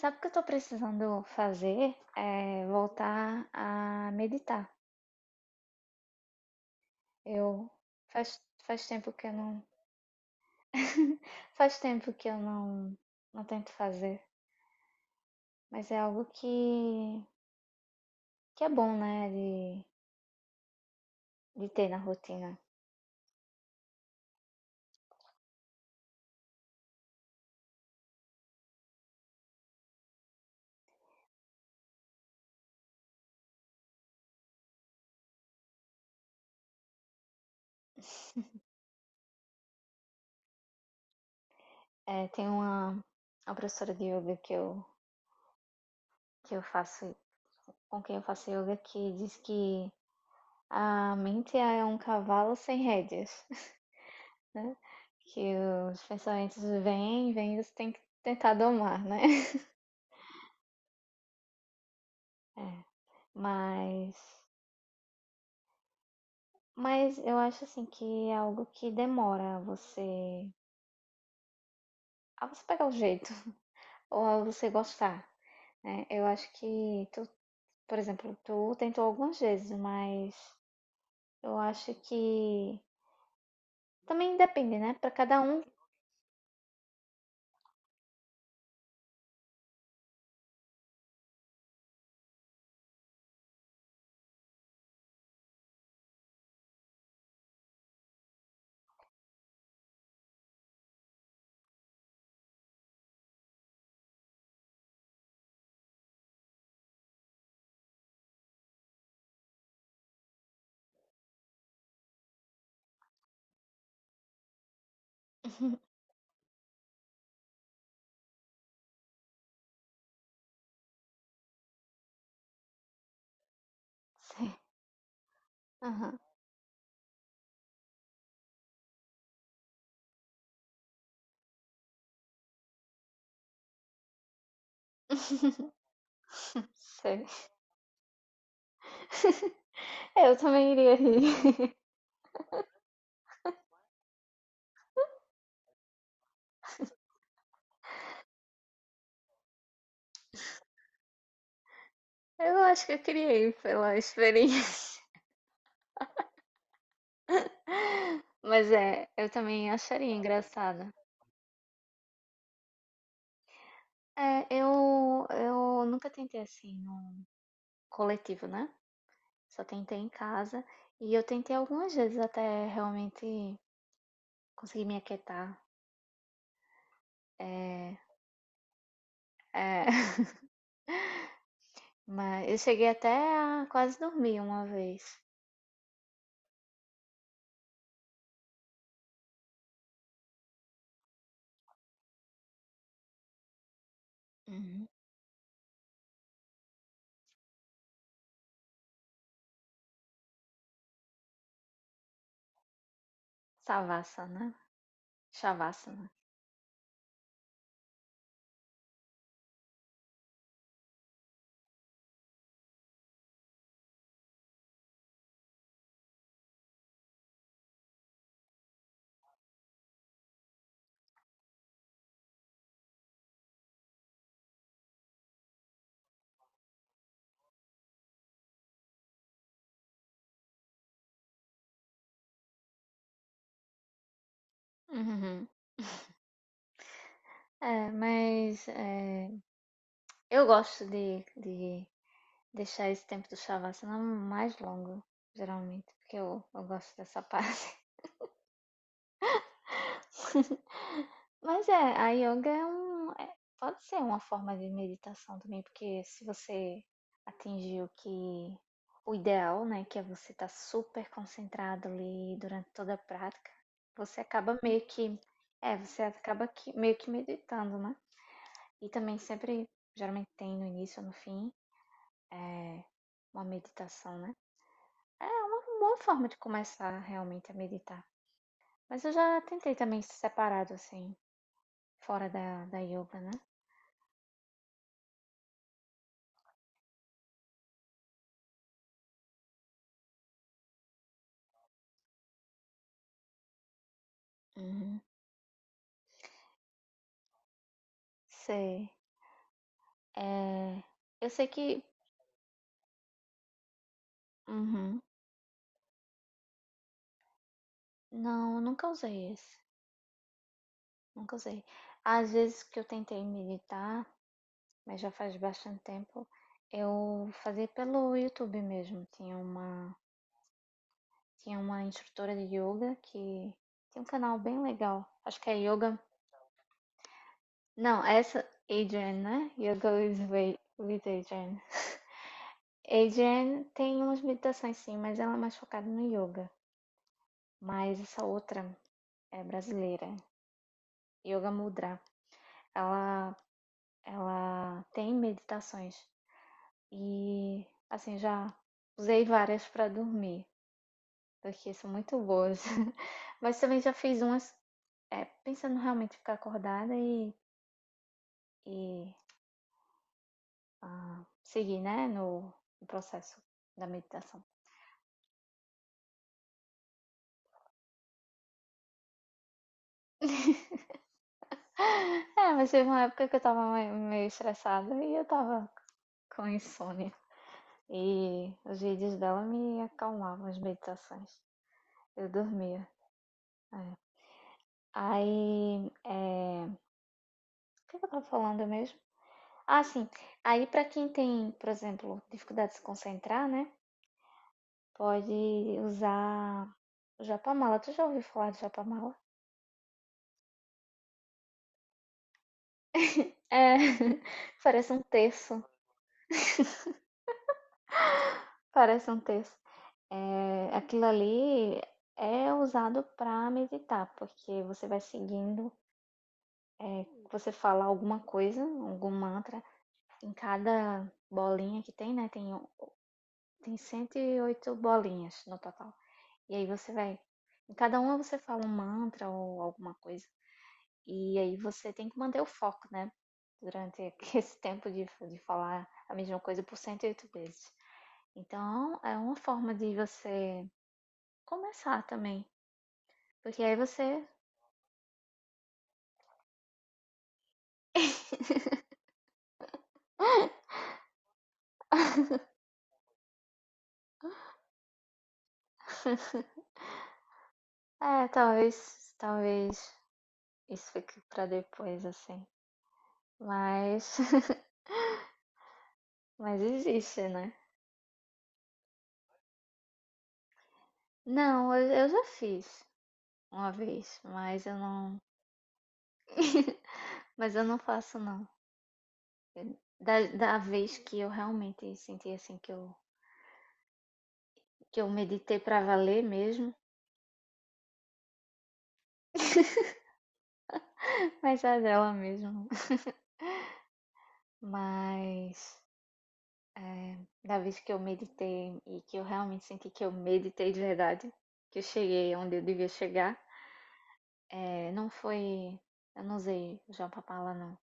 Sabe o que eu estou precisando fazer? É voltar a meditar. Eu faz, faz tempo que eu não Faz tempo que eu não tento fazer, mas é algo que é bom, né, de, ter na rotina. É, tem uma professora de yoga que eu faço com quem eu faço yoga que diz que a mente é um cavalo sem rédeas, né? Que os pensamentos vêm, vêm, e você tem que tentar domar, né? Mas, mas eu acho assim que é algo que demora a você pegar o jeito ou a você gostar, né? Eu acho que tu, por exemplo, tu tentou algumas vezes, mas eu acho que também depende, né? Para cada um. Sei. Aham, sei. Eu também iria rir. Eu acho que eu criei pela experiência. Mas é, eu também acharia engraçado. É, eu nunca tentei assim no coletivo, né? Só tentei em casa. E eu tentei algumas vezes até realmente conseguir me aquietar. É, é, mas eu cheguei até a quase dormir uma vez. Uhum. Savasana, Shavasana. Uhum. É, mas é, eu gosto de deixar esse tempo do Shavasana mais longo, geralmente, porque eu gosto dessa parte. Mas é, a yoga pode ser uma forma de meditação também, porque se você atingir o que o ideal, né, que é você estar super concentrado ali durante toda a prática, você acaba meio que, você acaba que, meio que meditando, né? E também sempre, geralmente tem no início ou no fim, é, uma meditação, né? É uma boa forma de começar realmente a meditar. Mas eu já tentei também separado, assim. Fora da yoga, né? Uhum. Sei. É, eu sei que. Uhum. Não, eu nunca usei esse. Nunca usei. Às vezes que eu tentei meditar, mas já faz bastante tempo, eu fazia pelo YouTube mesmo. Tinha uma instrutora de yoga que tem um canal bem legal. Acho que é Yoga. Não, é essa Adrian, né? Yoga with, with Adrian. Adrian tem umas meditações sim, mas ela é mais focada no yoga. Mas essa outra é brasileira, Yoga Mudra. Ela, ela tem meditações e assim já usei várias para dormir, porque são muito boas. Mas também já fiz umas pensando realmente ficar acordada e seguir, né, no processo da meditação. É, mas teve uma época que eu tava meio estressada e eu tava com insônia. E os vídeos dela me acalmavam as meditações. Eu dormia. Aí, o que eu tava falando mesmo? Ah, sim. Aí, pra quem tem, por exemplo, dificuldade de se concentrar, né? Pode usar o Japamala. Tu já ouviu falar de Japamala? É, parece um terço. Parece um terço. É, aquilo ali é usado pra meditar, porque você vai seguindo, é, você fala alguma coisa, algum mantra em cada bolinha que tem, né? Tem 108 bolinhas no total. E aí você vai. Em cada uma você fala um mantra ou alguma coisa. E aí você tem que manter o foco, né? Durante esse tempo de falar a mesma coisa por 108 vezes. Então é uma forma de você começar também. Porque aí você. É, talvez. Talvez isso fique pra depois, assim. Mas. mas existe, né? Não, eu já fiz uma vez, mas eu não. Mas eu não faço, não. Da vez que eu realmente senti assim que eu meditei pra valer mesmo, mas é dela mesmo. Mas é, da vez que eu meditei e que eu realmente senti que eu meditei de verdade, que eu cheguei onde eu devia chegar, é, não foi. Eu não usei o Japapala, não.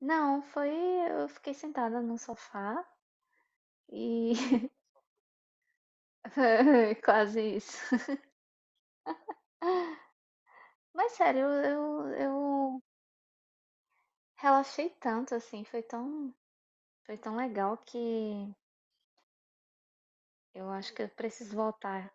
Não, foi. Eu fiquei sentada no sofá e. quase isso. Mas sério, eu relaxei tanto, assim, foi tão legal que eu acho que eu preciso voltar.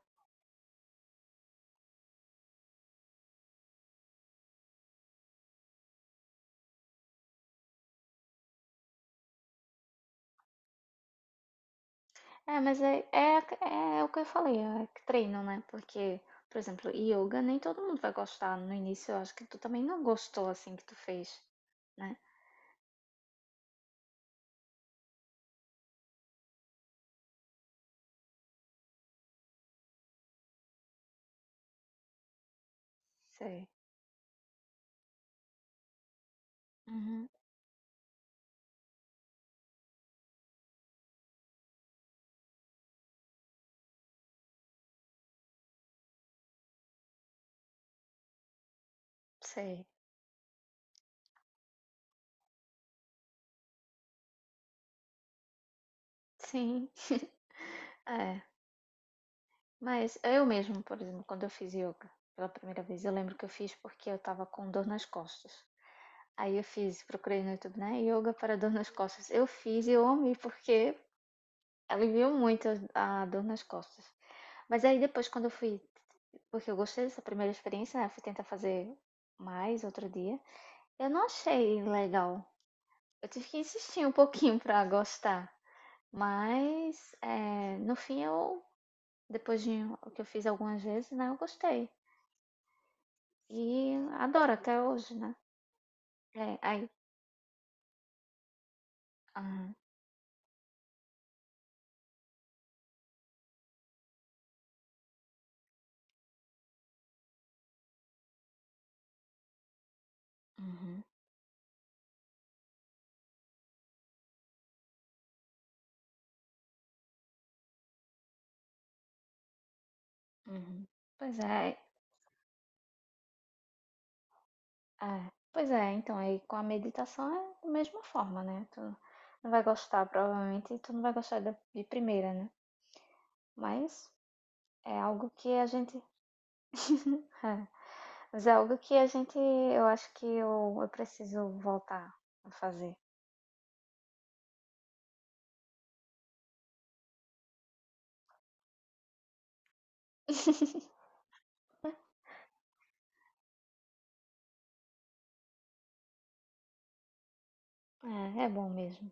É, mas é o que eu falei, é que treino, né, porque, por exemplo, yoga nem todo mundo vai gostar no início, eu acho que tu também não gostou, assim, que tu fez, né. Sei. Uhum. Sei. Sim. É, mas eu mesmo, por exemplo, quando eu fiz yoga pela primeira vez, eu lembro que eu fiz porque eu estava com dor nas costas. Aí eu fiz, procurei no YouTube, né? Yoga para dor nas costas. Eu fiz e eu amei, porque aliviou muito a dor nas costas. Mas aí depois, quando eu fui, porque eu gostei dessa primeira experiência, né? Eu fui tentar fazer mais outro dia. Eu não achei legal. Eu tive que insistir um pouquinho pra gostar. Mas é, no fim eu, depois de o que eu fiz algumas vezes, né? Eu gostei. E adoro até hoje, né? É, aí. Aham, uhum, uhum. Pois é. É, pois é, então aí com a meditação é da mesma forma, né? Tu não vai gostar, provavelmente, e tu não vai gostar de primeira, né? Mas é algo que a gente. É, mas é algo que a gente. Eu acho que eu preciso voltar a fazer. É, é bom mesmo.